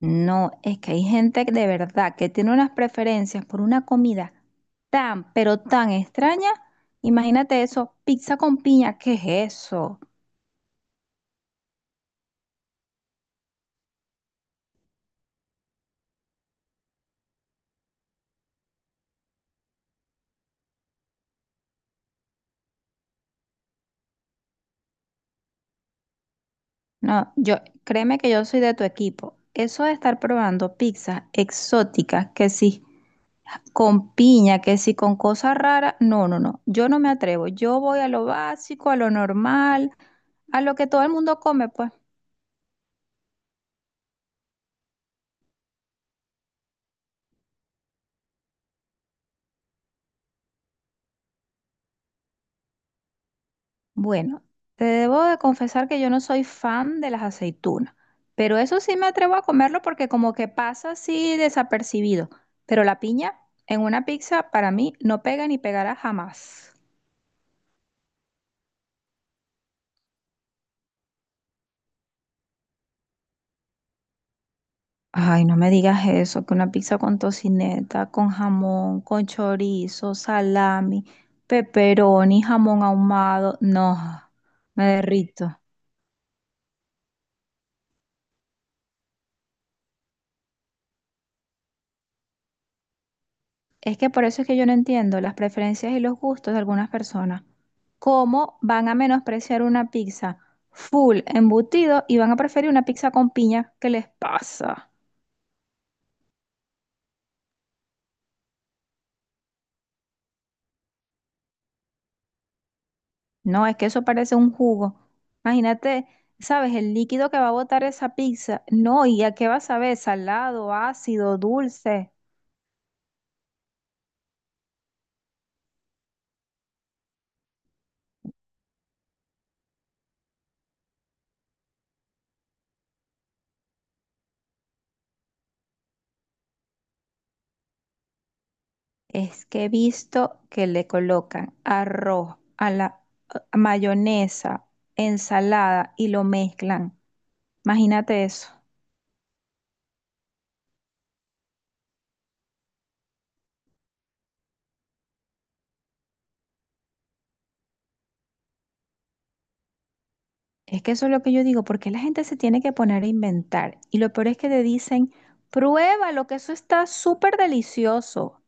No, es que hay gente que de verdad que tiene unas preferencias por una comida tan, pero tan extraña. Imagínate eso, pizza con piña, ¿qué es eso? No, yo, créeme que yo soy de tu equipo. Eso de estar probando pizzas exóticas, que sí, con piña, que sí, con cosas raras, no, no, no, yo no me atrevo. Yo voy a lo básico, a lo normal, a lo que todo el mundo come, pues. Bueno, te debo de confesar que yo no soy fan de las aceitunas, pero eso sí me atrevo a comerlo porque como que pasa así desapercibido. Pero la piña en una pizza para mí no pega ni pegará jamás. Ay, no me digas eso, que una pizza con tocineta, con jamón, con chorizo, salami, pepperoni, jamón ahumado, no, me derrito. Es que por eso es que yo no entiendo las preferencias y los gustos de algunas personas. ¿Cómo van a menospreciar una pizza full embutido y van a preferir una pizza con piña? ¿Qué les pasa? No, es que eso parece un jugo. Imagínate, ¿sabes? El líquido que va a botar esa pizza. No, ¿y a qué vas a ver? ¿Salado, ácido, dulce? Es que he visto que le colocan arroz a mayonesa, ensalada y lo mezclan. Imagínate eso. Es que eso es lo que yo digo, porque la gente se tiene que poner a inventar. Y lo peor es que te dicen, pruébalo, que eso está súper delicioso.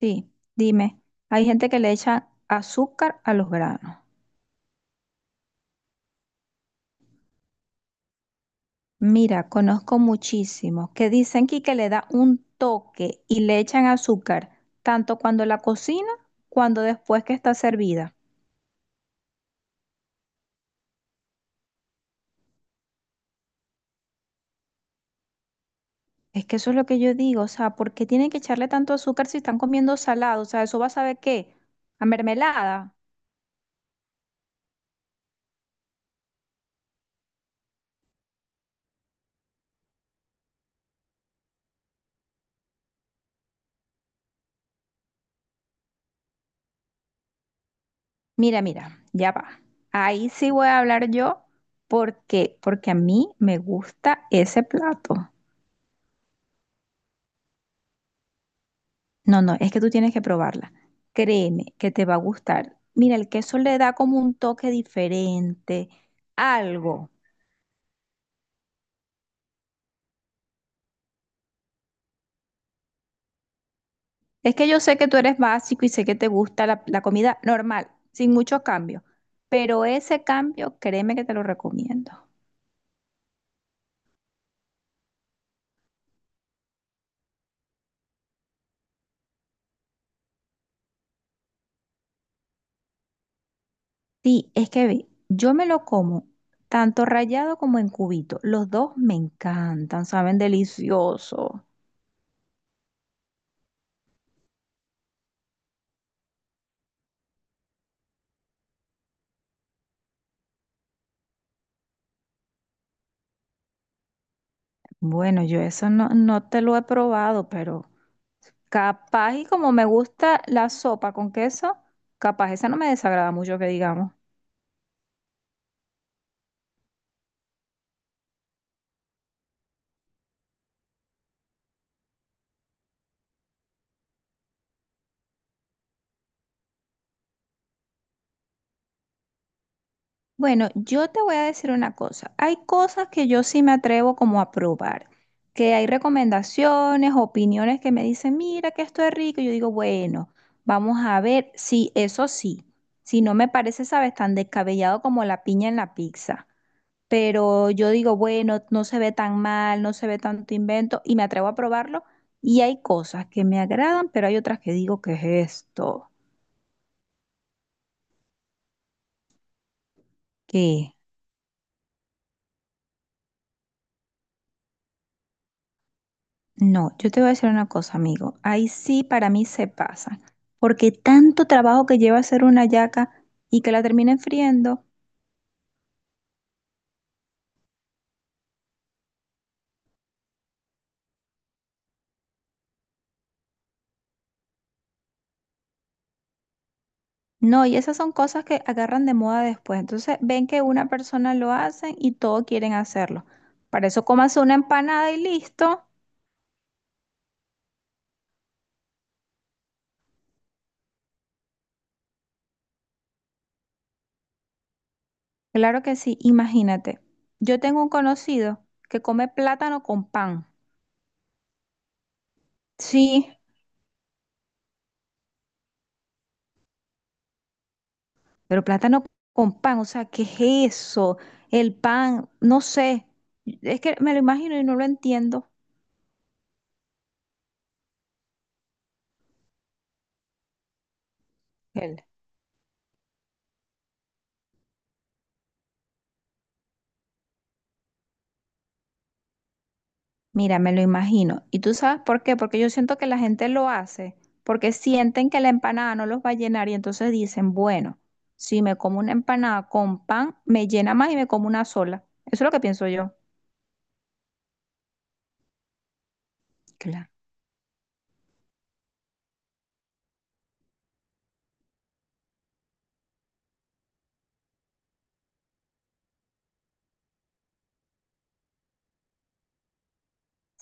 Sí, dime, hay gente que le echa azúcar a los granos. Mira, conozco muchísimos que dicen que le da un toque y le echan azúcar, tanto cuando la cocina, cuando después que está servida. Es que eso es lo que yo digo, o sea, ¿por qué tienen que echarle tanto azúcar si están comiendo salado? O sea, ¿eso va a saber qué? ¿A mermelada? Mira, mira, ya va. Ahí sí voy a hablar yo porque a mí me gusta ese plato. No, no, es que tú tienes que probarla. Créeme que te va a gustar. Mira, el queso le da como un toque diferente, algo. Es que yo sé que tú eres básico y sé que te gusta la comida normal, sin muchos cambios, pero ese cambio, créeme que te lo recomiendo. Sí, es que ve, yo me lo como tanto rallado como en cubito. Los dos me encantan, saben delicioso. Bueno, yo eso no te lo he probado, pero capaz y como me gusta la sopa con queso, capaz esa no me desagrada mucho que digamos. Bueno, yo te voy a decir una cosa. Hay cosas que yo sí me atrevo como a probar, que hay recomendaciones, opiniones que me dicen, mira que esto es rico. Yo digo, bueno, vamos a ver si eso sí, si no me parece, sabes, tan descabellado como la piña en la pizza. Pero yo digo, bueno, no se ve tan mal, no se ve tanto invento y me atrevo a probarlo. Y hay cosas que me agradan, pero hay otras que digo, ¿qué es esto? ¿Qué? No, yo te voy a decir una cosa, amigo. Ahí sí para mí se pasa. Porque tanto trabajo que lleva hacer una yaca y que la terminen friendo. No, y esas son cosas que agarran de moda después. Entonces ven que una persona lo hace y todos quieren hacerlo. Para eso cómase una empanada y listo. Claro que sí, imagínate. Yo tengo un conocido que come plátano con pan. Sí. Pero plátano con pan, o sea, ¿qué es eso? El pan, no sé. Es que me lo imagino y no lo entiendo. El- Mira, me lo imagino. ¿Y tú sabes por qué? Porque yo siento que la gente lo hace, porque sienten que la empanada no los va a llenar y entonces dicen, bueno, si me como una empanada con pan, me llena más y me como una sola. Eso es lo que pienso yo. Claro.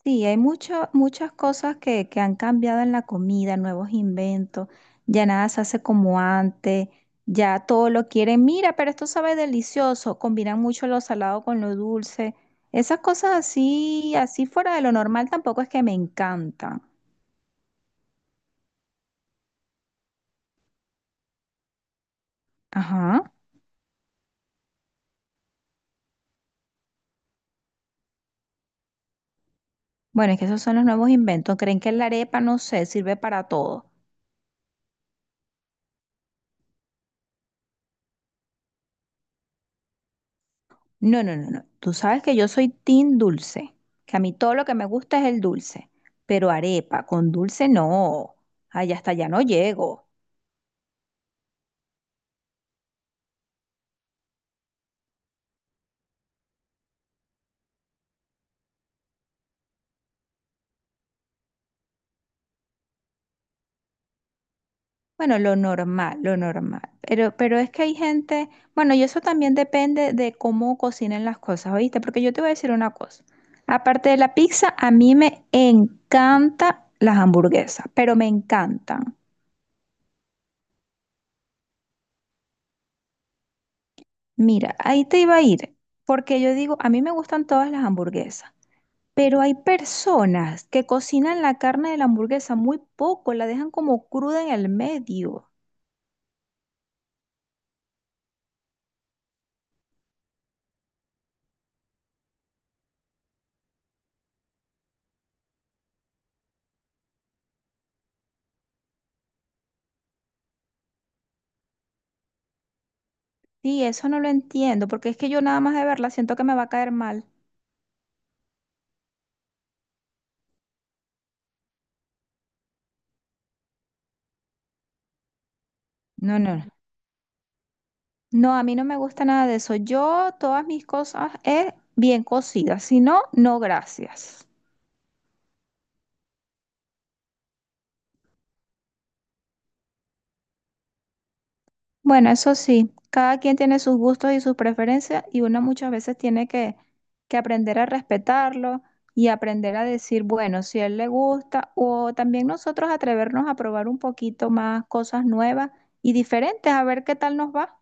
Sí, hay mucho- muchas cosas que han cambiado en la comida, nuevos inventos, ya nada se hace como antes, ya todo lo quieren, mira, pero esto sabe delicioso, combinan mucho lo salado con lo dulce, esas cosas así, así fuera de lo normal tampoco es que me encantan. Ajá, bueno, es que esos son los nuevos inventos, creen que la arepa, no sé, sirve para todo. No, no, no, no. Tú sabes que yo soy team dulce, que a mí todo lo que me gusta es el dulce, pero arepa con dulce no. Ay, hasta allá no llego. Bueno, lo normal, lo normal. Pero es que hay gente, bueno, y eso también depende de cómo cocinen las cosas, ¿oíste? Porque yo te voy a decir una cosa. Aparte de la pizza, a mí me encantan las hamburguesas, pero me encantan. Mira, ahí te iba a ir, porque yo digo, a mí me gustan todas las hamburguesas. Pero hay personas que cocinan la carne de la hamburguesa muy poco, la dejan como cruda en el medio. Sí, eso no lo entiendo, porque es que yo nada más de verla siento que me va a caer mal. No, no. No, a mí no me gusta nada de eso. Yo todas mis cosas es bien cocidas, si no, no gracias. Bueno, eso sí, cada quien tiene sus gustos y sus preferencias y uno muchas veces tiene que aprender a respetarlo y aprender a decir, bueno, si a él le gusta, o también nosotros atrevernos a probar un poquito más cosas nuevas y diferentes, a ver qué tal nos va.